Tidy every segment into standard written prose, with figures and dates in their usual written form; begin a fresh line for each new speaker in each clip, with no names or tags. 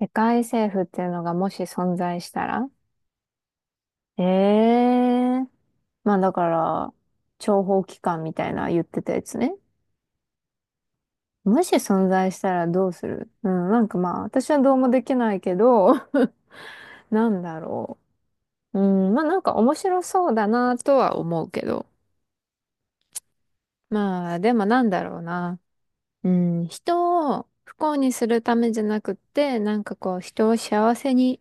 世界政府っていうのがもし存在したらええー。まあだから、諜報機関みたいな言ってたやつね。もし存在したらどうする、うん、なんかまあ私はどうもできないけど、なんだろう。うん、まあなんか面白そうだなとは思うけど。まあでもなんだろうな。うん、人を不幸にするためじゃなくって、なんかこう、人を幸せに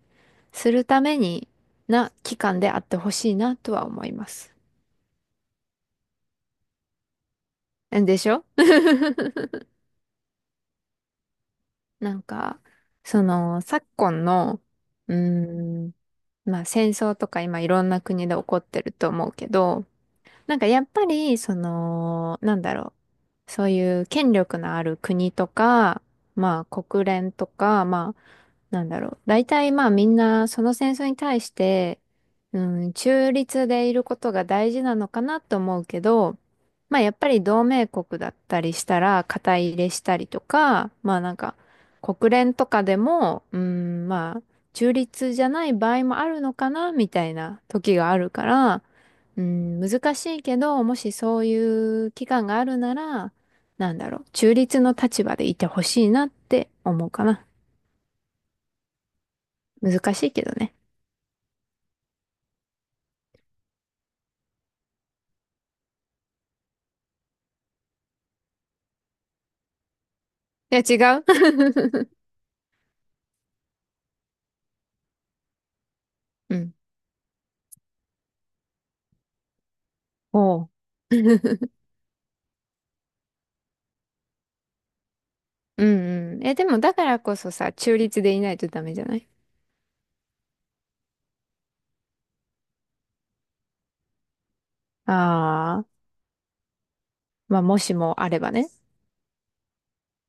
するためにな期間であってほしいなとは思います。でしょ なんか、その、昨今の、うーん、まあ戦争とか今いろんな国で起こってると思うけど、なんかやっぱり、その、なんだろう。そういう権力のある国とか、まあ国連とか、まあ、なんだろう。大体まあみんなその戦争に対して、うん、中立でいることが大事なのかなと思うけど、まあやっぱり同盟国だったりしたら肩入れしたりとか、まあなんか国連とかでも、うん、まあ中立じゃない場合もあるのかなみたいな時があるから、うん、難しいけど、もしそういう期間があるなら、なんだろう、中立の立場でいてほしいなって思うかな。難しいけどね。いや、違う うん。おう。うんうん。え、でもだからこそさ、中立でいないとダメじゃない？ああー、まあ、もしもあればね。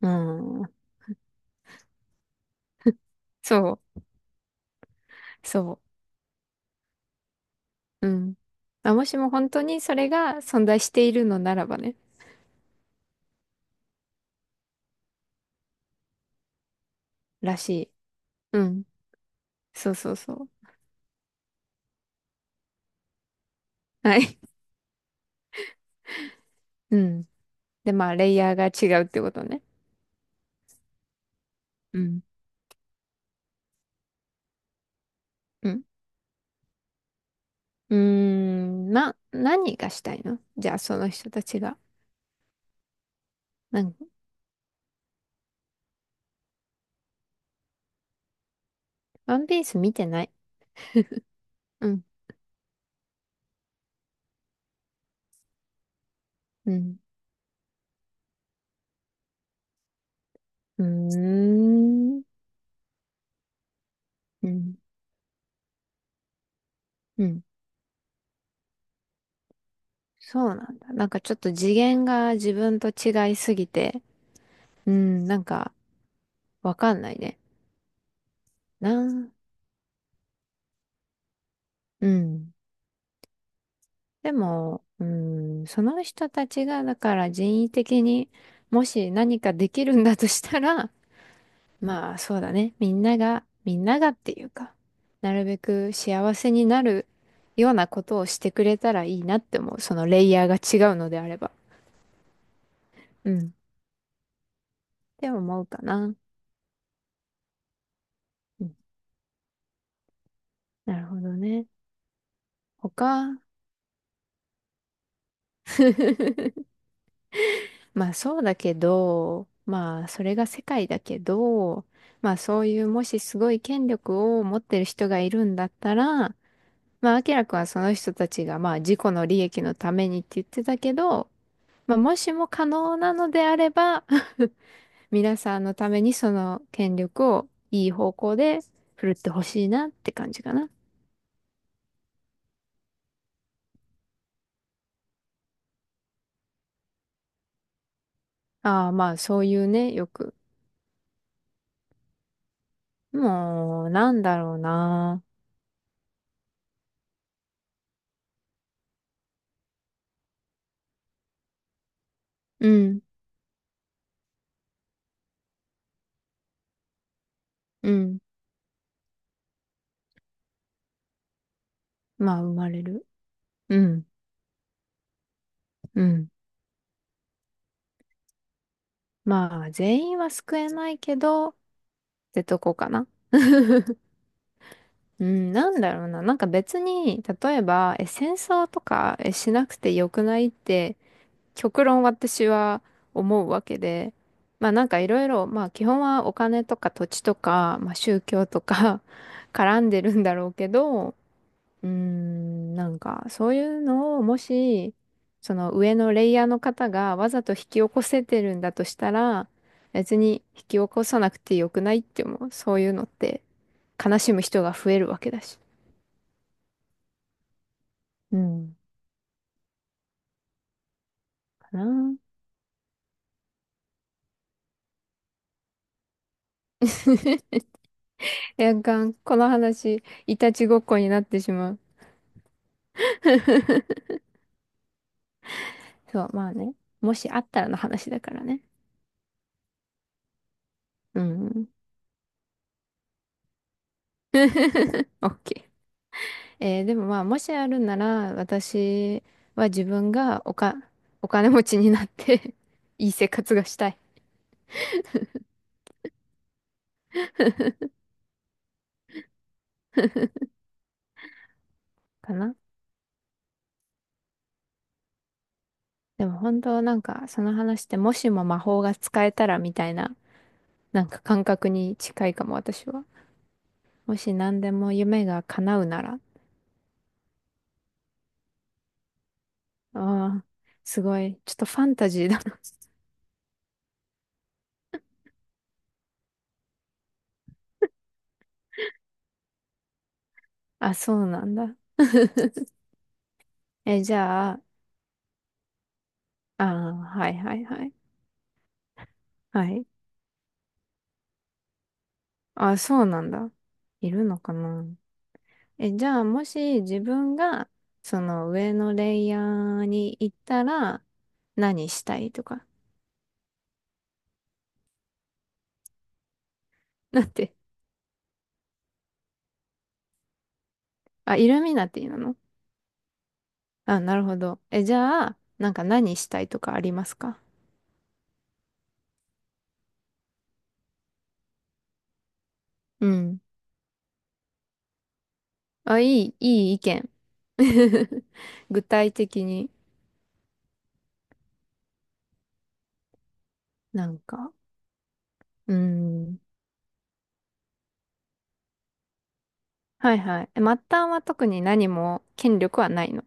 うん。そう、そう。うん。まあ、もしも本当にそれが存在しているのならばね。らしい。うん。そうそうそう。はい。うん。で、まあ、レイヤーが違うってことね。うんうん。な、何がしたいの、じゃあ、その人たちが。なん、ワンピース見てない。うん、うん、うーん、うん、うん。そうなんだ。なんかちょっと次元が自分と違いすぎて、うん、なんかわかんないね。なあ、うん。でも、うん、その人たちが、だから人為的にもし何かできるんだとしたら、まあそうだね。みんなが、みんながっていうか、なるべく幸せになるようなことをしてくれたらいいなって思う。そのレイヤーが違うのであれば。うん。って思うかな。うん。なるほどね。他 まあそうだけど、まあそれが世界だけど、まあそういうもしすごい権力を持ってる人がいるんだったら、まあ明らくんはその人たちがまあ自己の利益のためにって言ってたけど、まあ、もしも可能なのであれば 皆さんのためにその権力をいい方向で振るってほしいなって感じかな。ああ、まあそういうね、よく。もう、なんだろうな。うん、うん。まあ生まれる。うん、うん。まあ全員は救えないけど、ってとこかな。うん、なんだろうな。なんか別に、例えば、え、戦争とかえしなくてよくない？って極論私は思うわけで、まあなんかいろいろ、まあ基本はお金とか土地とか、まあ宗教とか 絡んでるんだろうけど、なんかそういうのをもし、その上のレイヤーの方がわざと引き起こせてるんだとしたら、別に引き起こさなくてよくない？って思う。そういうのって悲しむ人が増えるわけだし。うん、かな。いや、がんこの話、いたちごっこになってしまう。そう、まあね。もしあったらの話だからね。うん。オッケー。えーでもまあ、もしあるなら、私は自分がおか、お金持ちになって いい生活がしたい かな。でも本当なんか、その話って、もしも魔法が使えたらみたいな、なんか感覚に近いかも、私は。もし何でも夢が叶うなら。ああ、すごい。ちょっとファンタジーだな。あ、そうなんだ。え、じゃあ、ああ、はいはいはい。はい。あ、そうなんだ。いるのかな。え、じゃあ、もし自分が、その上のレイヤーに行ったら、何したいとか。だって、あ、イルミナティなの？あ、なるほど。え、じゃあ、なんか何したいとかありますか？うん。あ、いい、いい意見。具体的になんか。うん。はいはい。え、末端は特に何も権力はないの？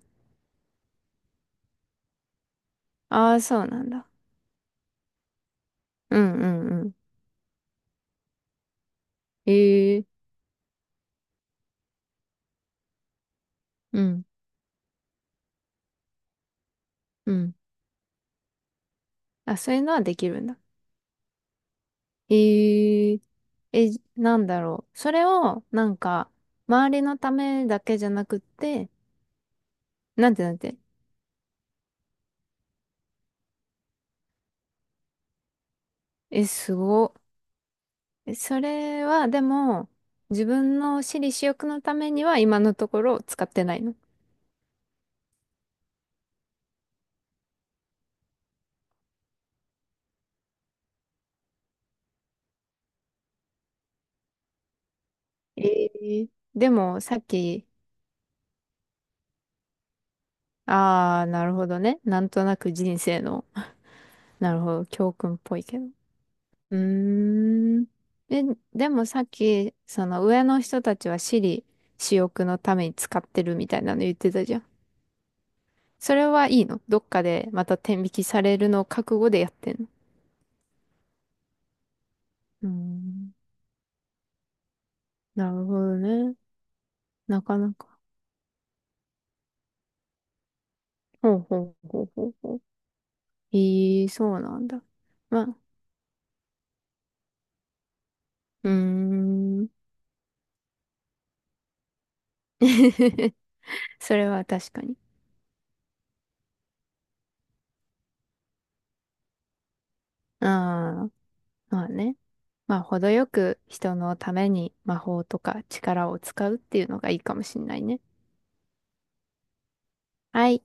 ああ、そうなんだ。うんうんうん。ええうんうん。あ、そういうのはできるんだ。ええ、え、なんだろう。それを、なんか、周りのためだけじゃなくって、なんてなんて。え、すご。え、それは、でも、自分の私利私欲のためには今のところ使ってないの？ええでも、さっき、ああ、なるほどね。なんとなく人生の、なるほど、教訓っぽいけど。うーん。え、でもさっき、その上の人たちは私利私欲のために使ってるみたいなの言ってたじゃん。それはいいの？どっかでまた天引きされるのを覚悟でやってんの？うーん。なるほどね。なかなか。ほうほうほうほうほう。ええ、そうなんだ。まあ、うーん。それは確かに。ああ。まあね。まあ、程よく人のために魔法とか力を使うっていうのがいいかもしんないね。はい。